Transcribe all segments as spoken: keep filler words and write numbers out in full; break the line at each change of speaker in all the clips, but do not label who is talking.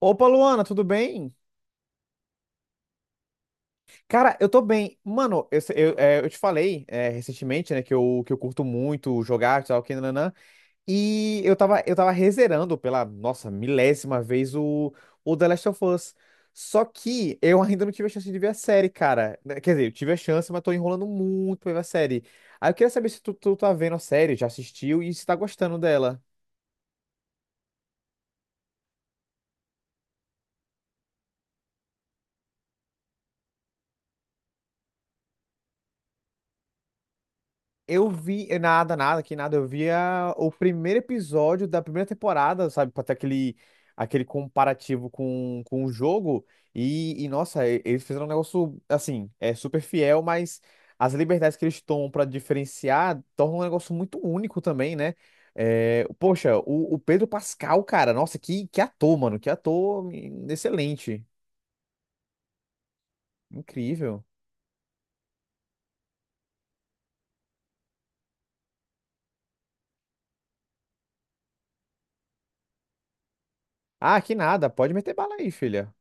Opa, Luana, tudo bem? Cara, eu tô bem. Mano, eu, se- eu, é, eu te falei é, recentemente, né, que eu, que eu curto muito jogar, tal, que nananã, e eu tava, eu tava rezerando pela, nossa, milésima vez o, o The Last of Us. Só que eu ainda não tive a chance de ver a série, cara. Né, quer dizer, eu tive a chance, mas tô enrolando muito pra ver a série. Aí eu queria saber se tu, tu tá vendo a série, já assistiu e se tá gostando dela. Eu vi, eh, nada, nada, que nada, eu via o primeiro episódio da primeira temporada, sabe, pra ter aquele, aquele comparativo com, com o jogo, e, e, nossa, e- eles fizeram um negócio, assim, é super fiel, mas as liberdades que eles tomam pra diferenciar tornam um negócio muito único também, né? Eh, poxa, o, o Pedro Pascal, cara, nossa, que, que ator, mano, que ator hum, excelente, incrível. Ah, que nada, pode meter bala aí, filha.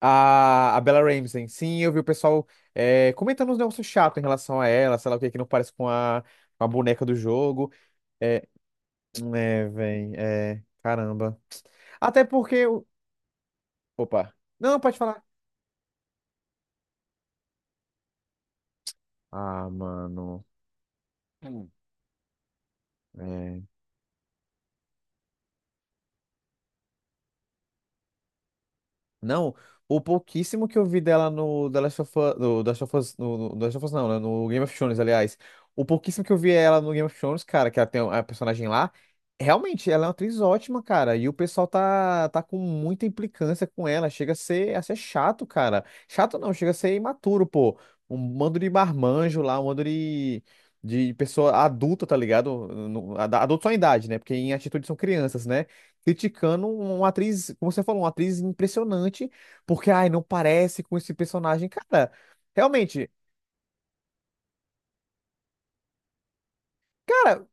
A, a Bella Ramsey. Sim, eu vi o pessoal é, comentando uns negócios chatos em relação a ela, sei lá o que, que não parece com a, com a boneca do jogo. É, é, véi, é, caramba. Até porque. o- Opa. Não, pode falar. Ah, mano. É. Não, o pouquíssimo que eu vi dela no The Last of Us, no, The Last of Us, no, no The Last of Us não, né? No Game of Thrones, aliás. O pouquíssimo que eu vi ela no Game of Thrones, cara, que ela tem a personagem lá, realmente, ela é uma atriz ótima, cara. E o pessoal tá, tá com muita implicância com ela. Chega a ser, a ser chato, cara. Chato não, chega a ser imaturo, pô. Um bando de marmanjo lá, um bando de, de pessoa adulta, tá ligado? No- ad- Adulto só em idade, né? Porque em atitude são crianças, né? Criticando um, uma atriz, como você falou, uma atriz impressionante, porque, ai, não parece com esse personagem. Cara, realmente, cara,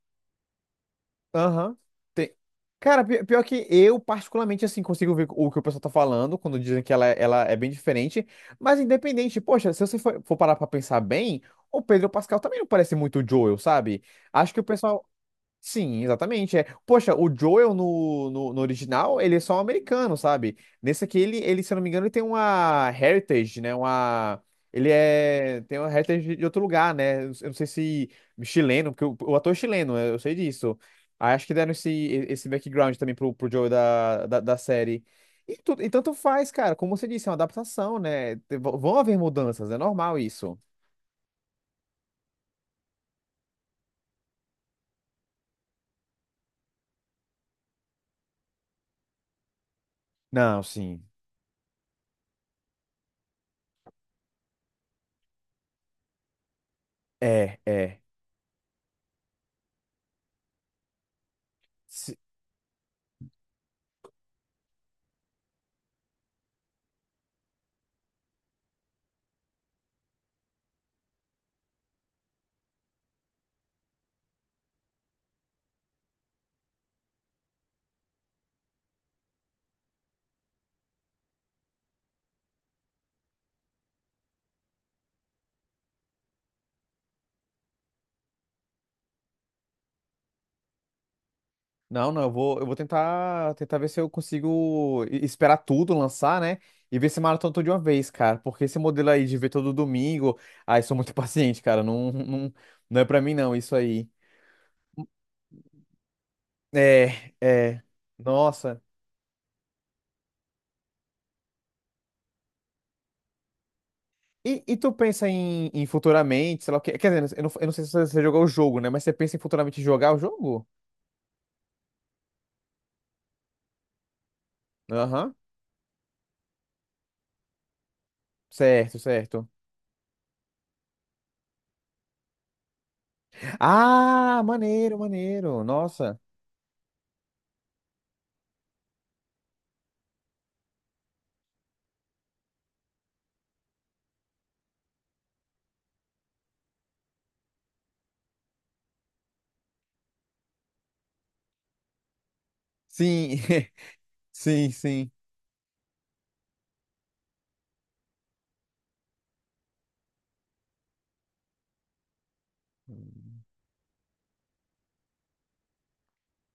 aham. tem- Cara, pi- pior que eu, particularmente, assim, consigo ver o que o pessoal tá falando quando dizem que ela, ela é bem diferente, mas independente, poxa, se você for, for parar pra pensar bem, o Pedro Pascal também não parece muito o Joel, sabe? Acho que o pessoal, sim, exatamente. É. Poxa, o Joel no, no, no original, ele é só um americano, sabe? Nesse aqui, ele, ele, se eu não me engano, ele tem uma heritage, né? Uma... Ele é... tem uma heritage de outro lugar, né? Eu não sei se chileno, porque o, o ator é chileno, eu sei disso. Aí acho que deram esse, esse background também pro, pro Joel da, da, da série. E, tu, e tanto faz, cara. Como você disse, é uma adaptação, né? Te- Vão haver mudanças, é normal isso. Não, sim. É, é. Não, não, eu vou, eu vou tentar, tentar ver se eu consigo e- esperar tudo lançar, né? E ver se maratona tudo de uma vez, cara. Porque esse modelo aí de ver todo domingo, ai, sou muito paciente, cara. Não, não, não é pra mim, não, isso aí. É, é. Nossa. E, e tu pensa em, em futuramente, sei lá o quê? Quer dizer, eu não, eu não sei se você jogou o jogo, né? Mas você pensa em futuramente jogar o jogo? Aham. Certo, certo. Ah, maneiro, maneiro. Nossa. Sim, sim, sim.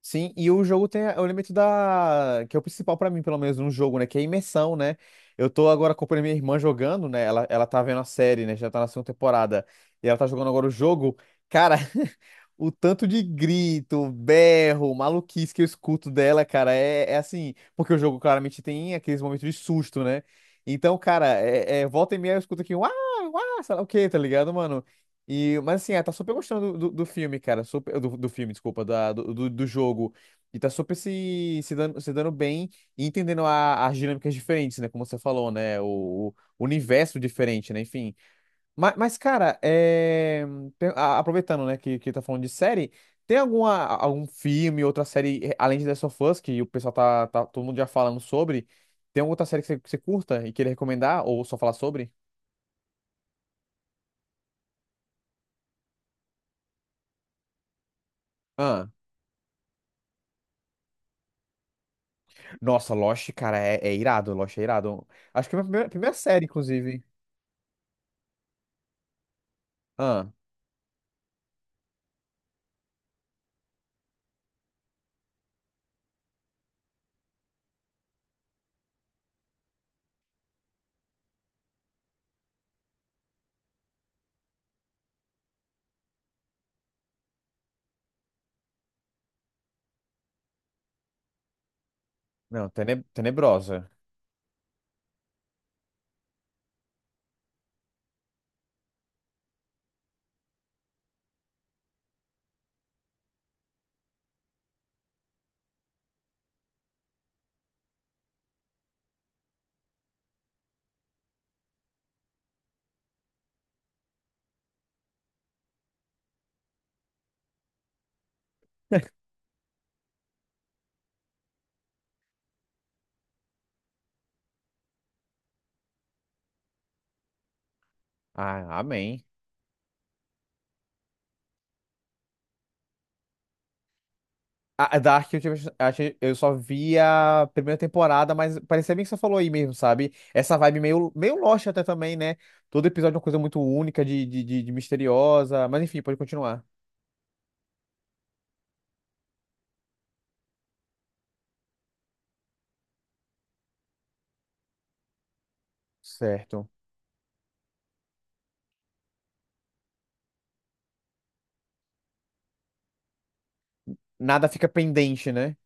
Sim, e o jogo tem o elemento da. Que é o principal pra mim, pelo menos, num jogo, né? Que é a imersão, né? Eu tô agora acompanhando minha irmã jogando, né? Ela, ela tá vendo a série, né? Já tá na segunda temporada. E ela tá jogando agora o jogo. Cara, o tanto de grito, berro, maluquice que eu escuto dela, cara, é, é assim. Porque o jogo claramente tem aqueles momentos de susto, né? Então, cara, é, é, volta e meia eu escuto aqui, uau, ah, ah, sei lá o quê, tá ligado, mano? E, mas assim, ela tá super gostando do, do, do filme, cara. Super, do, do filme, desculpa, da, do, do, do jogo. E tá super se, se dando, se dando bem e entendendo a, as dinâmicas diferentes, né? Como você falou, né? O, o universo diferente, né? Enfim. Mas, mas, cara, é... tem- a- aproveitando, né, que, que tá falando de série, tem alguma, algum filme, outra série, eh, além de The Last of Us, que o pessoal tá, tá todo mundo já falando sobre, tem alguma outra série que você, que você curta e queira recomendar, ou só falar sobre? Ah, nossa, Lost, cara, é, é irado, Lost é irado. Acho que é a minha primeira, primeira série, inclusive. Ah, não, tene- tenebrosa. Ah, amém. A a Dark, eu, tive, acho eu só vi a primeira temporada, mas parecia bem que você falou aí mesmo, sabe? Essa vibe meio, meio Lost até também, né? Todo episódio é uma coisa muito única, de, de, de, de misteriosa. Mas enfim, pode continuar. Certo. Nada fica pendente, né?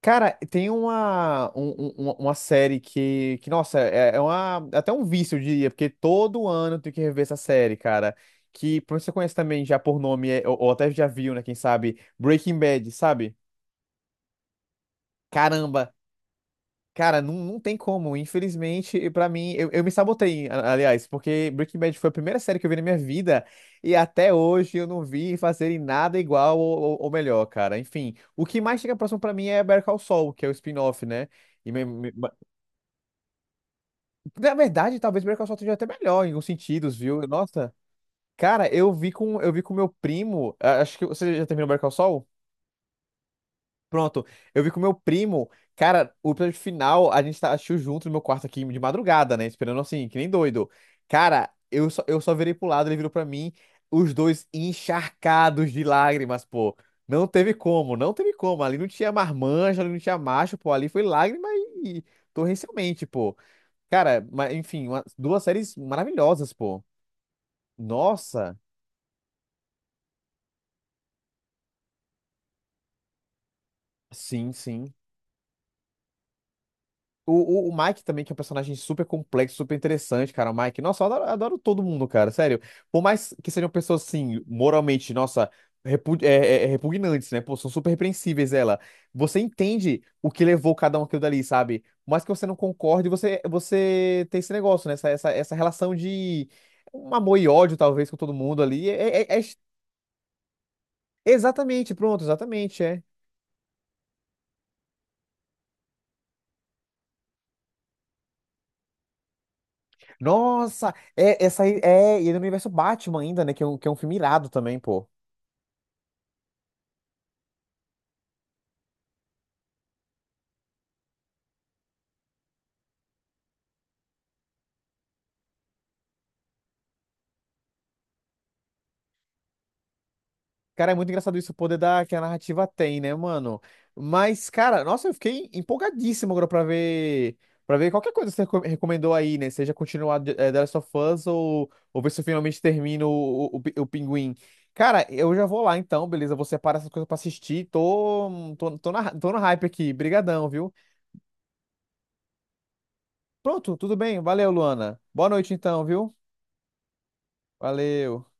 Cara, tem uma, um- um- uma, uma série que, que nossa, é, é uma, é até um vício, eu diria, porque todo ano tem que rever essa série, cara. Que provavelmente você conhece também já por nome, é- ou, ou até já viu, né? Quem sabe? Breaking Bad, sabe? Caramba. Cara, não, não tem como. Infelizmente, e pra mim, eu, eu me sabotei, a- aliás, porque Breaking Bad foi a primeira série que eu vi na minha vida e até hoje eu não vi fazerem nada igual ou, ou- ou melhor, cara. Enfim, o que mais chega próximo pra mim é Better Call Saul, que é o spin-off, né? E me- me- ma- na verdade, talvez Better Call Saul esteja até melhor em alguns sentidos, viu? Nossa, cara, eu vi com eu vi com meu primo. a- Acho que você já terminou Better Call Saul? Pronto, eu vi com meu primo, cara, o episódio final a gente tá- assistiu junto no meu quarto aqui de madrugada, né? Esperando assim, que nem doido. Cara, eu só, eu só virei pro lado, ele virou pra mim, os dois encharcados de lágrimas, pô. Não teve como, não teve como. Ali não tinha marmanjo, ali não tinha macho, pô. Ali foi lágrima e, e torrencialmente, pô. Cara, mas enfim, uma- duas séries maravilhosas, pô. Nossa, sim, sim. O, o, o Mike também, que é um personagem super complexo, super interessante, cara. O Mike, nossa, eu adoro, adoro todo mundo, cara, sério. Por mais que sejam pessoas, assim, moralmente, nossa, repu- é, é- é repugnantes, né? Pô, são super repreensíveis ela. Você entende o que levou cada um aquilo dali, sabe? Por mais que você não concorde, você, você tem esse negócio, né? Essa, essa, essa relação de um amor e ódio, talvez, com todo mundo ali. É, é- é- é- Exatamente, pronto, exatamente, é. Nossa, é, essa aí, é, e é no universo Batman ainda, né? Que é um, que é um filme irado também, pô. Cara, é muito engraçado isso, o poder da, que a narrativa tem, né, mano? Mas, cara, nossa, eu fiquei empolgadíssimo agora pra ver, pra ver qualquer coisa que você reco- recomendou aí, né? Seja continuar de- eh, The Last of Us ou, ou ver se eu finalmente termino o, o, o Pi- o Pinguim. Cara, eu já vou lá então, beleza? Vou separar essas coisas pra assistir. Tô, tô, tô na, tô no hype aqui. Brigadão, viu? Pronto, tudo bem. Valeu, Luana. Boa noite então, viu? Valeu.